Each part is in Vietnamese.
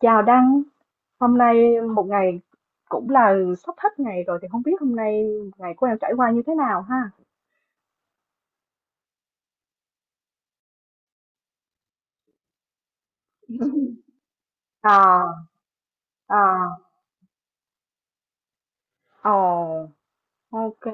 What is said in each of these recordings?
Chào Đăng, hôm nay một ngày cũng là sắp hết ngày rồi thì không biết hôm nay ngày của em trải qua như thế nào ha? À, à, ồ, ok.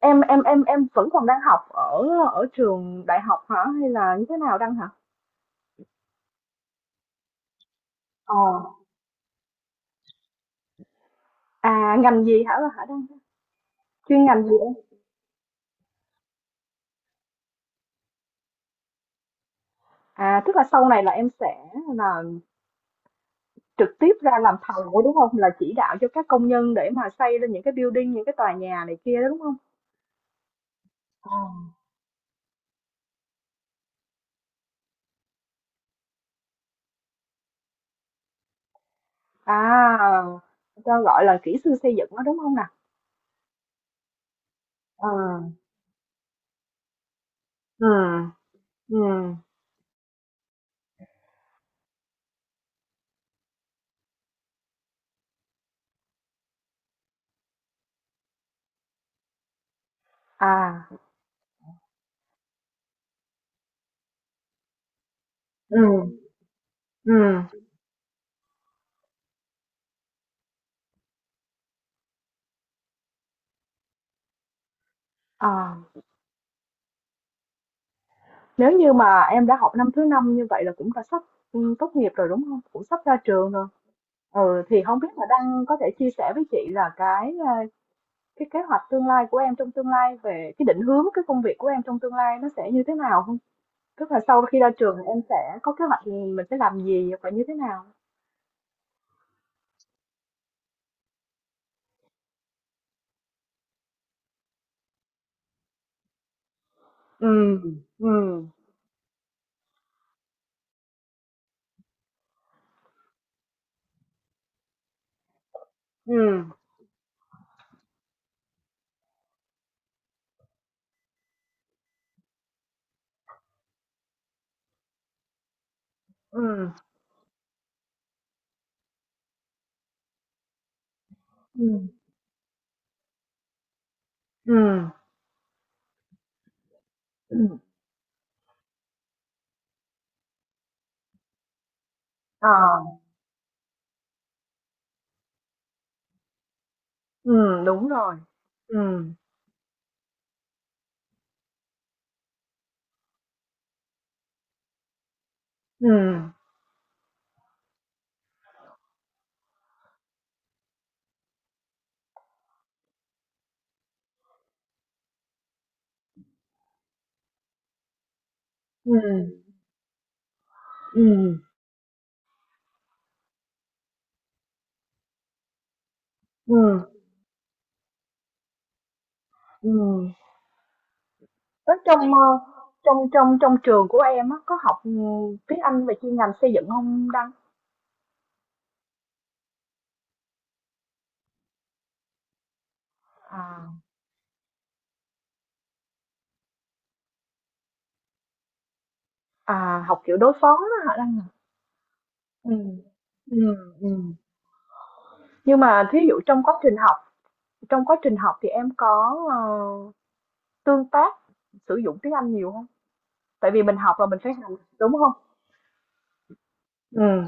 Em vẫn còn đang học ở ở trường đại học hả hay là như thế nào Đăng hả? Ồ, à, ngành gì hả hả Đăng? Chuyên ngành gì em? À, tức là sau này là em sẽ là trực tiếp ra làm thầu đúng không? Là chỉ đạo cho các công nhân để mà xây lên những cái building, những cái tòa nhà này kia đó đúng không? Ồ. À, cho gọi là kỹ sư xây dựng đó đúng không nào. Ờ, ừ, ừ. À, ừ, ừ, à, nếu như mà em đã học năm thứ năm như vậy là cũng đã sắp tốt nghiệp rồi đúng không? Cũng sắp ra trường rồi. Ừ, thì không biết là đang có thể chia sẻ với chị là cái kế hoạch tương lai của em trong tương lai về cái định hướng cái công việc của em trong tương lai nó sẽ như thế nào không? Tức là sau khi ra trường thì em sẽ có kế hoạch mình sẽ làm gì và như thế nào? Ừ, ừ, ừ, ừ, ừ, ừ, ừm, ờ, đúng rồi. Ừ, ừ, ừ, ừ, ừ, ừ. Thế trong, ơ, trong trong trong trường của em á, có học, tiếng Anh về chuyên ngành xây dựng không Đăng? À, à, học kiểu đối phó đó hả Đăng? À? Ừ, ừ, ừ. Nhưng mà thí dụ trong quá trình học thì em có, tương tác sử dụng tiếng Anh nhiều không? Tại vì mình học là mình phải hành đúng không? Ừ,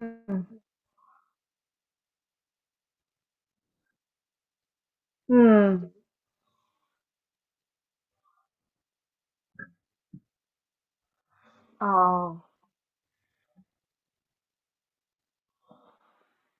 ừ, ừ. Ờ,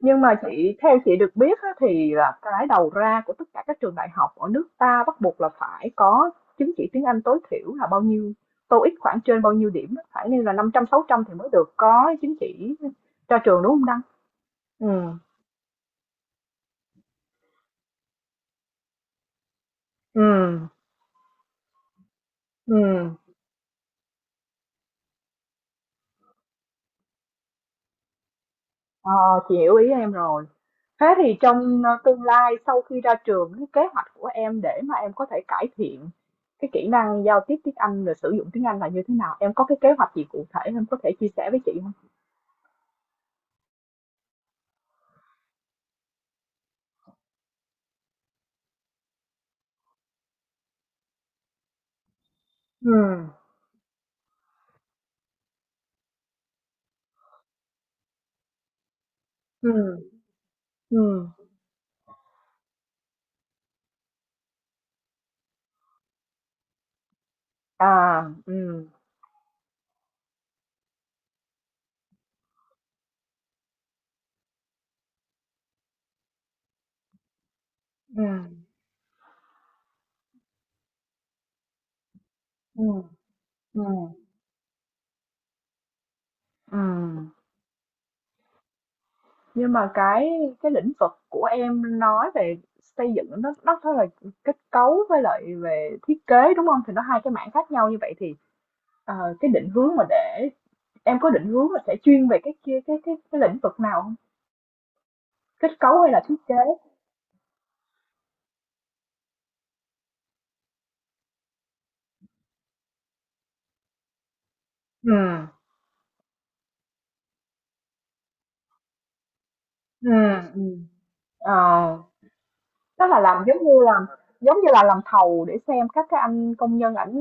nhưng mà chị theo chị được biết á, thì là cái đầu ra của tất cả các trường đại học ở nước ta bắt buộc là phải có chứng chỉ tiếng Anh tối thiểu là bao nhiêu TOEIC khoảng trên bao nhiêu điểm á, phải nên là 500 600 thì mới được có chứng chỉ ra trường đúng không Đăng? Ừ. Ừ. Ừ. Ờ, chị hiểu ý em rồi. Thế thì trong tương lai sau khi ra trường, cái kế hoạch của em để mà em có thể cải thiện cái kỹ năng giao tiếp tiếng Anh rồi sử dụng tiếng Anh là như thế nào? Em có cái kế hoạch gì cụ thể em có thể chia sẻ với chị không? Ừ, ừ, ừ, à, ừ, ừ, ừ, ừ, ừ. Nhưng mà cái lĩnh vực của em nói về xây dựng nó rất là kết cấu với lại về thiết kế đúng không? Thì nó hai cái mảng khác nhau như vậy thì ờ, cái định hướng mà để em có định hướng là sẽ chuyên về cái kia cái lĩnh vực nào hông? Kết cấu hay là thiết kế? Ừm, ừm, ừm. Ờ, tức là làm giống như là làm thầu để xem các cái anh công nhân ảnh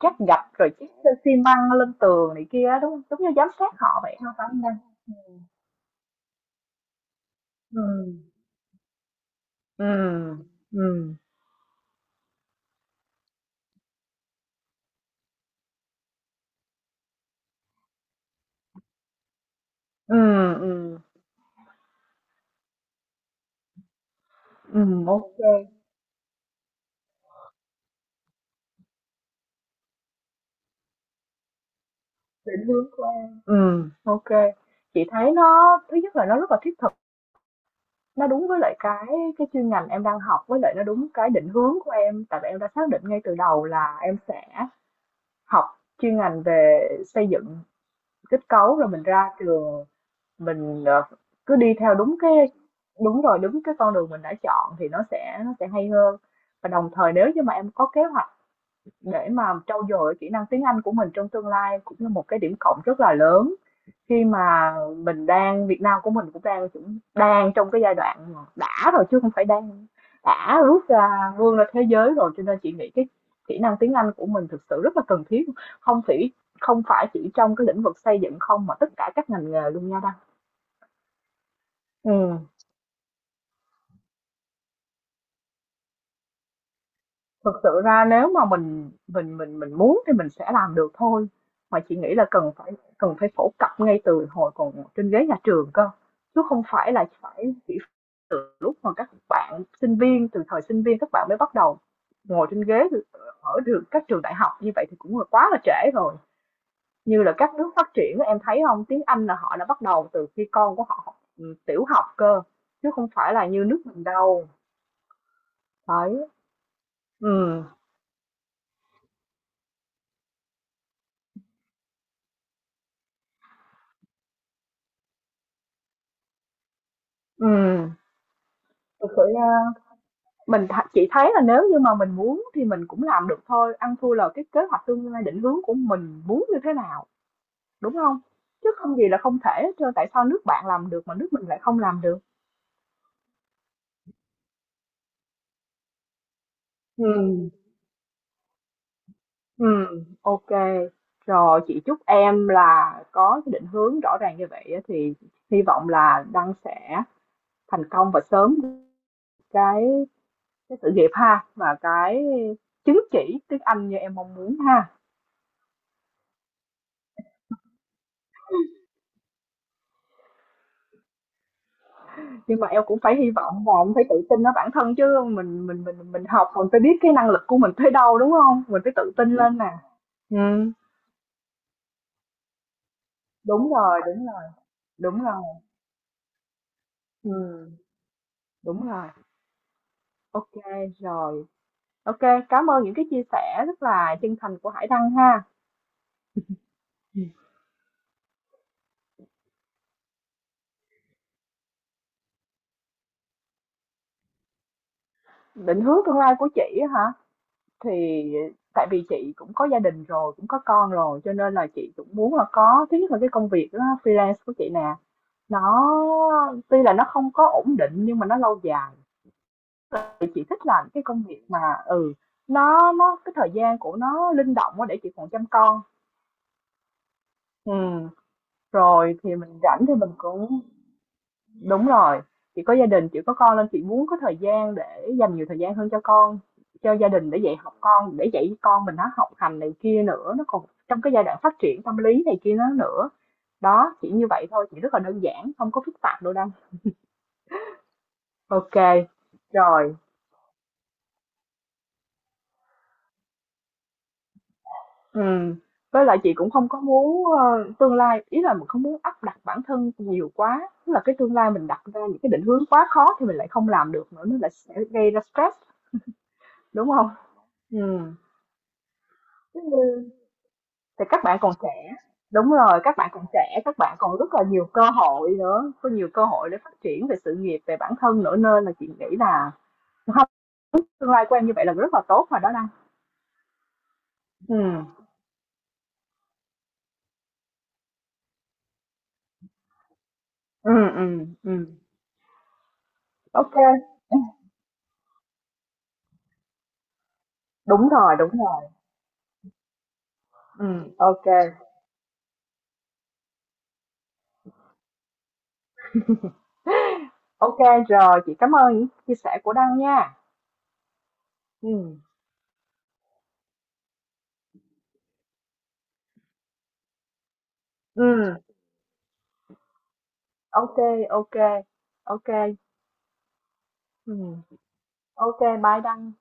trát gạch rồi trét xi măng lên tường này kia á, đúng hông? Giống như giám sát họ vậy ha? Phải hông ta? Ừm, ừm, ừm, ừm, ừm, ô, định hướng của em. Ừm. Ok, chị thấy nó thứ nhất là nó rất là thiết. Nó đúng với lại cái chuyên ngành em đang học, với lại nó đúng cái định hướng của em, tại vì em đã xác định ngay từ đầu là em sẽ học chuyên ngành về xây dựng kết cấu rồi mình ra trường mình cứ đi theo đúng cái, đúng rồi, đúng cái con đường mình đã chọn thì nó sẽ hay hơn. Và đồng thời nếu như mà em có kế hoạch để mà trau dồi kỹ năng tiếng Anh của mình trong tương lai cũng là một cái điểm cộng rất là lớn khi mà mình đang Việt Nam của mình cũng đang trong cái giai đoạn mà đã rồi chứ không phải đang đã rút ra vươn ra thế giới rồi cho nên chị nghĩ cái kỹ năng tiếng Anh của mình thực sự rất là cần thiết, không chỉ không phải chỉ trong cái lĩnh vực xây dựng không mà tất cả các ngành nghề luôn nha Đăng. Ừ. Thực sự ra nếu mà mình muốn thì mình sẽ làm được thôi, mà chị nghĩ là cần phải phổ cập ngay từ hồi còn trên ghế nhà trường cơ, chứ không phải là phải chỉ lúc mà các bạn sinh viên từ thời sinh viên các bạn mới bắt đầu ngồi trên ghế ở được các trường đại học như vậy thì cũng là quá là trễ rồi. Như là các nước phát triển em thấy không, tiếng Anh là họ đã bắt đầu từ khi con của họ học tiểu học cơ, chứ không phải là như nước mình đâu. Đấy. Ừ, ừ, thực sự nha. Mình chỉ thấy là nếu như mà mình muốn thì mình cũng làm được thôi, ăn thua là cái kế hoạch tương lai định hướng của mình muốn như thế nào, đúng không? Chứ không gì là không thể hết trơn, tại sao nước bạn làm được mà nước mình lại không làm được? Ừ, ừ, ok. Rồi, chị chúc em là có cái định hướng rõ ràng như vậy á thì hy vọng là Đăng sẽ thành công và sớm cái cái sự nghiệp ha, và cái chứng chỉ tiếng Anh như em mong muốn ha. Nhưng mà em cũng phải hy vọng và em phải tự tin ở bản thân chứ mình học mình phải biết cái năng lực của mình tới đâu đúng không, mình phải tự tin lên nè. Ừ. Đúng rồi, đúng rồi, đúng rồi. Ừ, đúng rồi. Ok. Rồi, ok, cảm ơn những cái chia sẻ rất là chân thành của Hải Đăng ha. Ừ. Định hướng tương lai của chị á hả, thì tại vì chị cũng có gia đình rồi cũng có con rồi cho nên là chị cũng muốn là có thứ nhất là cái công việc đó, freelance của chị nè, nó tuy là nó không có ổn định nhưng mà nó lâu dài. Ờ, thì chị thích làm cái công việc mà ừ, nó cái thời gian của nó linh động quá để chị còn chăm con. Ừm, Rồi thì mình rảnh thì mình cũng đúng rồi. Chị có gia đình, chị có con nên chị muốn có thời gian để dành nhiều thời gian hơn cho con, cho gia đình để dạy học con, để dạy con mình nó học hành này kia nữa, nó còn trong cái giai đoạn phát triển tâm lý này kia nó nữa. Đó, chỉ như vậy thôi, chỉ rất là đơn giản, không có phức tạp đâu đâu. Ok, rồi. Ừm, với lại chị cũng không có muốn, ơ, tương lai ý là mình không muốn áp đặt bản thân nhiều quá, tức là cái tương lai mình đặt ra những cái định hướng quá khó thì mình lại không làm được nữa, nó lại sẽ gây ra stress, đúng không? Ừm, giống như thì các bạn còn trẻ, đúng rồi, các bạn còn trẻ, các bạn còn rất là nhiều cơ hội nữa, có nhiều cơ hội để phát triển về sự nghiệp, về bản thân nữa nên là chị nghĩ là không, tương lai của em như vậy là rất là tốt rồi đó Đăng. Ừm, ừm, ừm, ừm, ô, đúng rồi, ok. OK. Rồi, chị cảm ơn những chia sẻ của Đăng nha. Ừ. Ừ, OK, OK. OK. Ừ. OK, bye Đăng.